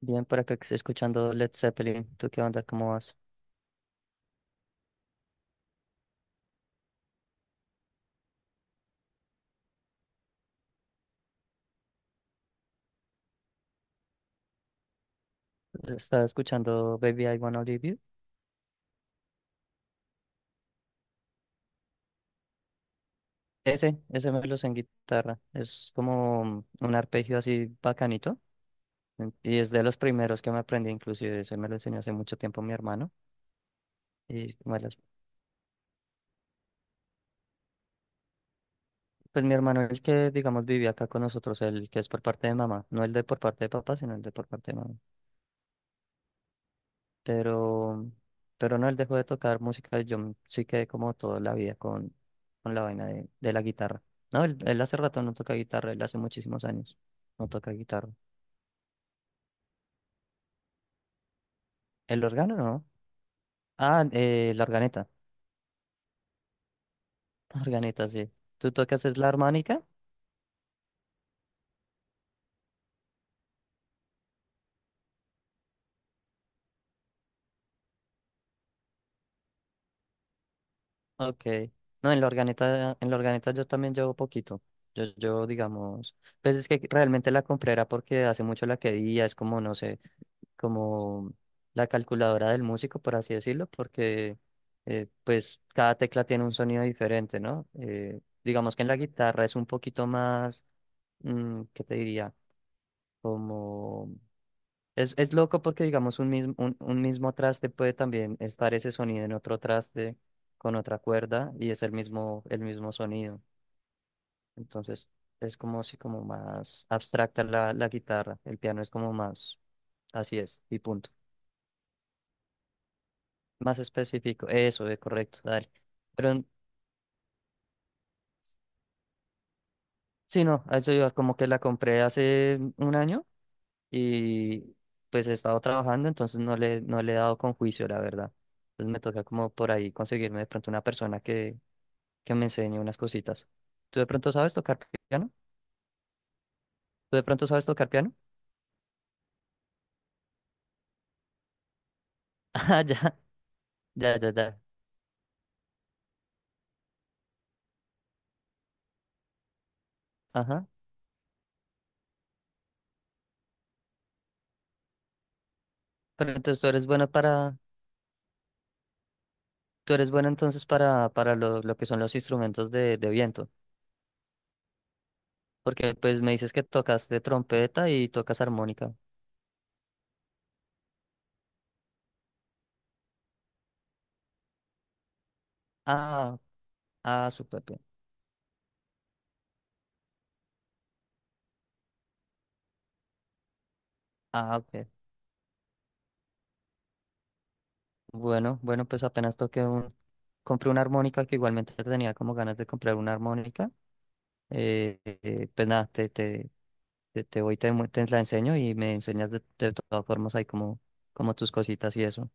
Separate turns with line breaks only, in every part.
Bien, por acá que estoy escuchando Led Zeppelin. ¿Tú qué onda? ¿Cómo vas? Estás escuchando Baby I Wanna Leave You. Ese me lo sé en guitarra. Es como un arpegio así bacanito. Y es de los primeros que me aprendí, inclusive ese me lo enseñó hace mucho tiempo mi hermano. Y bueno, pues mi hermano, el que digamos vivía acá con nosotros, el que es por parte de mamá, no el de por parte de papá, sino el de por parte de mamá. Pero, pero no, él dejó de tocar música. Sí quedé como toda la vida con la vaina de la guitarra. No, él hace rato no toca guitarra, él hace muchísimos años no toca guitarra. ¿El órgano no? Ah, la organeta. La organeta, sí. ¿Tú tocas es la armónica? Ok. No, en la organeta yo también llevo poquito. Digamos, pues es que realmente la compré era porque hace mucho la quería, es como, no sé. Como la calculadora del músico, por así decirlo, porque pues cada tecla tiene un sonido diferente, ¿no? Digamos que en la guitarra es un poquito más, ¿qué te diría? Como... Es loco porque, digamos, un mismo traste puede también estar ese sonido en otro traste con otra cuerda y es el mismo sonido. Entonces, es como si como más abstracta la, la guitarra. El piano es como más, así es, y punto. Más específico, eso es correcto, dale. Pero sí, no, a eso iba, como que la compré hace 1 año y pues he estado trabajando, entonces no le he dado con juicio, la verdad. Entonces me toca como por ahí conseguirme de pronto una persona que me enseñe unas cositas. ¿Tú de pronto sabes tocar piano? ¿Tú de pronto sabes tocar piano? Ah, ya, ya, ya, ya. Ajá. Pero entonces tú eres bueno para, tú eres bueno entonces para lo que son los instrumentos de viento. Porque pues me dices que tocas de trompeta y tocas armónica. Ah, ah, súper bien. Ah, ok. Bueno, bueno, pues apenas toqué un... Compré una armónica que igualmente tenía como ganas de comprar una armónica. Pues nada, te voy, te, mu- te la enseño y me enseñas de todas formas ahí como, como tus cositas y eso.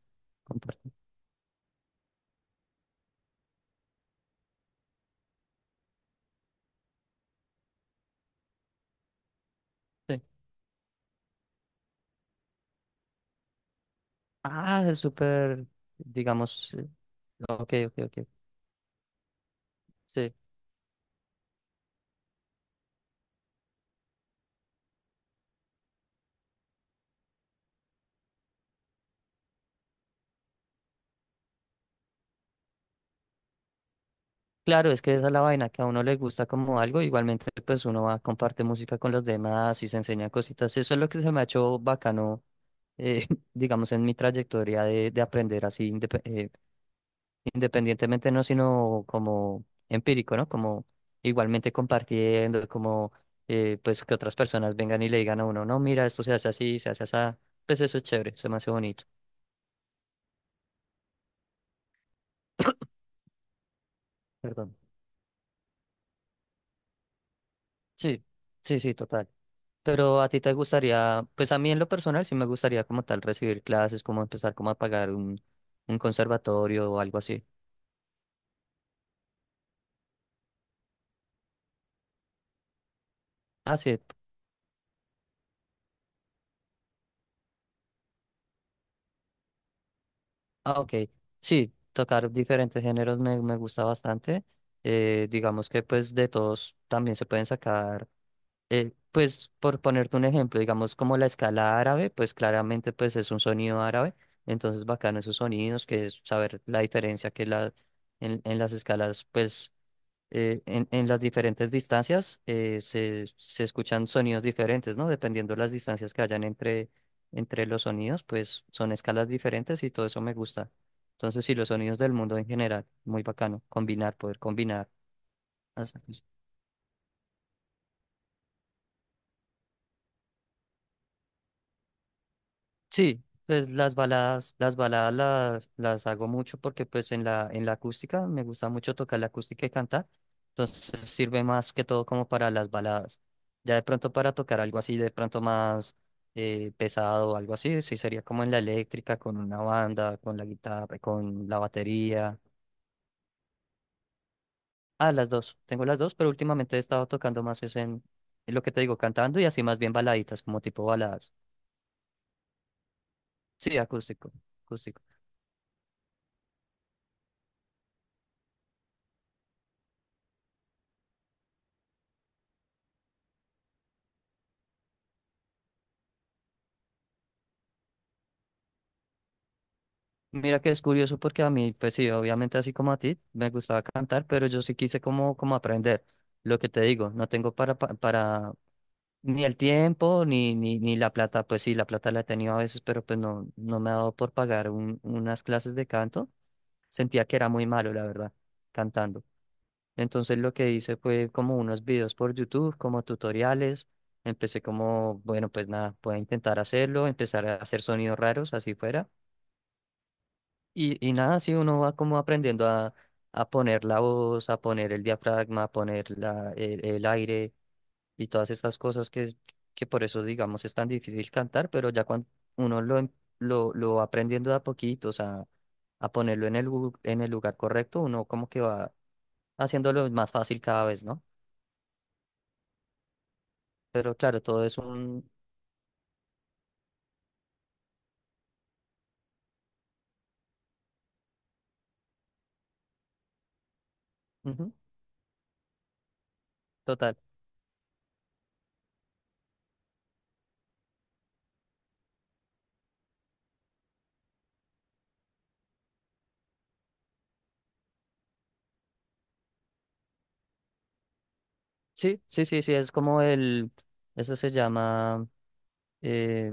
Comparte. Sí. Ah, es súper, digamos, ok, ok, ok. Sí. Claro, es que esa es la vaina, que a uno le gusta como algo, igualmente pues uno va, comparte música con los demás y se enseña cositas. Eso es lo que se me ha hecho bacano, eh, digamos, en mi trayectoria de aprender así, independientemente, no, sino como empírico, ¿no? Como igualmente compartiendo, como pues que otras personas vengan y le digan a uno, no, mira, esto se hace así, pues eso es chévere, se me hace bonito. Perdón. Sí, sí, sí, total. Pero a ti te gustaría, pues a mí en lo personal sí me gustaría como tal recibir clases, como empezar como a pagar un conservatorio o algo así. Ah, sí, ah, ok. Sí, tocar diferentes géneros me, me gusta bastante. Digamos que pues de todos también se pueden sacar, pues por ponerte un ejemplo, digamos como la escala árabe, pues claramente pues es un sonido árabe, entonces bacano esos sonidos, que es saber la diferencia que la, en las escalas pues en las diferentes distancias se, se escuchan sonidos diferentes, ¿no? Dependiendo de las distancias que hayan entre, entre los sonidos, pues son escalas diferentes y todo eso me gusta. Entonces, sí, los sonidos del mundo en general, muy bacano, combinar, poder combinar. Sí, pues las baladas, las baladas las hago mucho porque pues en la acústica me gusta mucho tocar la acústica y cantar, entonces sirve más que todo como para las baladas. Ya de pronto para tocar algo así, de pronto más pesado o algo así, sí sería como en la eléctrica, con una banda, con la guitarra, con la batería. Ah, las dos, tengo las dos, pero últimamente he estado tocando más es en lo que te digo, cantando y así más bien baladitas, como tipo baladas. Sí, acústico, acústico. Mira que es curioso porque a mí, pues sí, obviamente así como a ti, me gustaba cantar, pero yo sí quise como, como aprender. Lo que te digo, no tengo para, para, ni el tiempo, ni la plata. Pues sí, la plata la he tenido a veces, pero pues no, no me ha dado por pagar unas clases de canto. Sentía que era muy malo, la verdad, cantando. Entonces lo que hice fue como unos videos por YouTube, como tutoriales. Empecé como, bueno, pues nada, voy a intentar hacerlo, empezar a hacer sonidos raros, así fuera. Y nada, sí, uno va como aprendiendo a poner la voz, a poner el diafragma, a poner la, el aire y todas estas cosas que, que por eso, digamos, es tan difícil cantar, pero ya cuando uno lo, em- lo va aprendiendo de a poquitos, a ponerlo en el, en el lugar correcto, uno como que va haciéndolo más fácil cada vez, ¿no? Pero claro, todo es un... Ujú, total. Sí, sí, sí, sí, es como el... Eso se llama... Eh,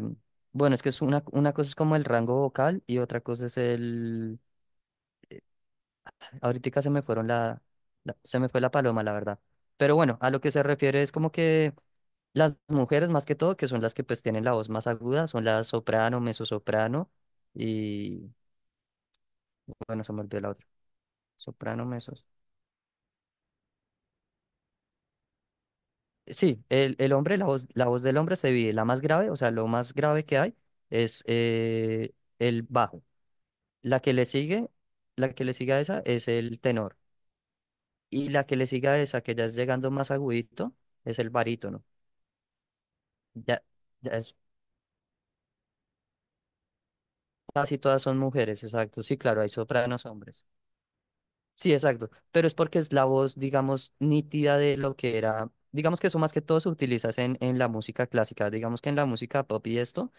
bueno, es que es una cosa es como el rango vocal y otra cosa es el... Ahorita se me fueron se me fue la paloma, la verdad. Pero bueno, a lo que se refiere es como que las mujeres más que todo, que son las que pues tienen la voz más aguda, son la soprano, mezzosoprano y... Bueno, se me olvidó la otra. Soprano, mesos. Sí, el hombre, la voz del hombre se divide. La más grave, o sea, lo más grave que hay es el bajo. La que le sigue, la que le sigue a esa es el tenor. Y la que le sigue a esa, que ya es llegando más agudito, es el barítono. Ya, ya es casi todas son mujeres, exacto. Sí, claro, hay sopranos hombres. Sí, exacto. Pero es porque es la voz, digamos, nítida de lo que era. Digamos que eso más que todo se utiliza es en la música clásica. Digamos que en la música pop y esto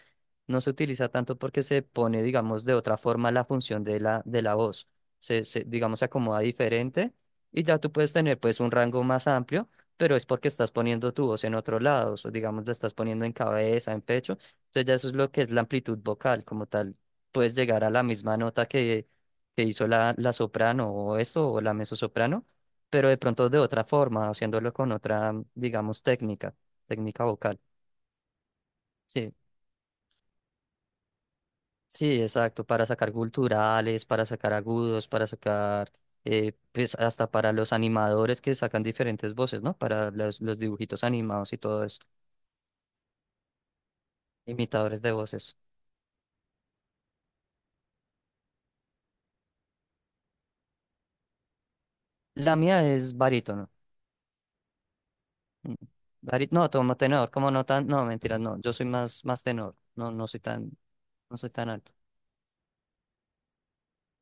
no se utiliza tanto porque se pone, digamos, de otra forma la función de la voz. Digamos, se acomoda diferente y ya tú puedes tener, pues, un rango más amplio, pero es porque estás poniendo tu voz en otro lado, o digamos, la estás poniendo en cabeza, en pecho. Entonces ya eso es lo que es la amplitud vocal como tal. Puedes llegar a la misma nota que hizo la, la soprano o esto, o la mezzosoprano, pero de pronto de otra forma, haciéndolo con otra, digamos, técnica, técnica vocal. Sí. Sí, exacto, para sacar culturales, para sacar agudos, para sacar, pues hasta para los animadores que sacan diferentes voces, ¿no? Para los dibujitos animados y todo eso, imitadores de voces. La mía es barítono. mm, no, tomo tenor, como no tan, no, mentira, no, yo soy más, más tenor, no, no soy tan, no soy tan alto.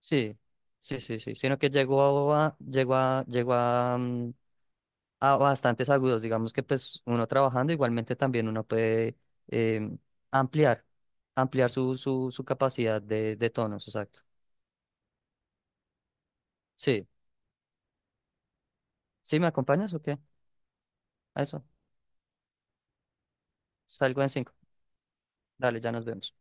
Sí, sí, sí, sí, sino que llegó a, llegó a, llegó a, a bastantes agudos. Digamos que pues uno trabajando igualmente también uno puede em, ampliar, ampliar su capacidad de tonos, exacto. Sí, ¿sí me acompañas o qué? A eso, salgo en 5. Dale, ya nos vemos.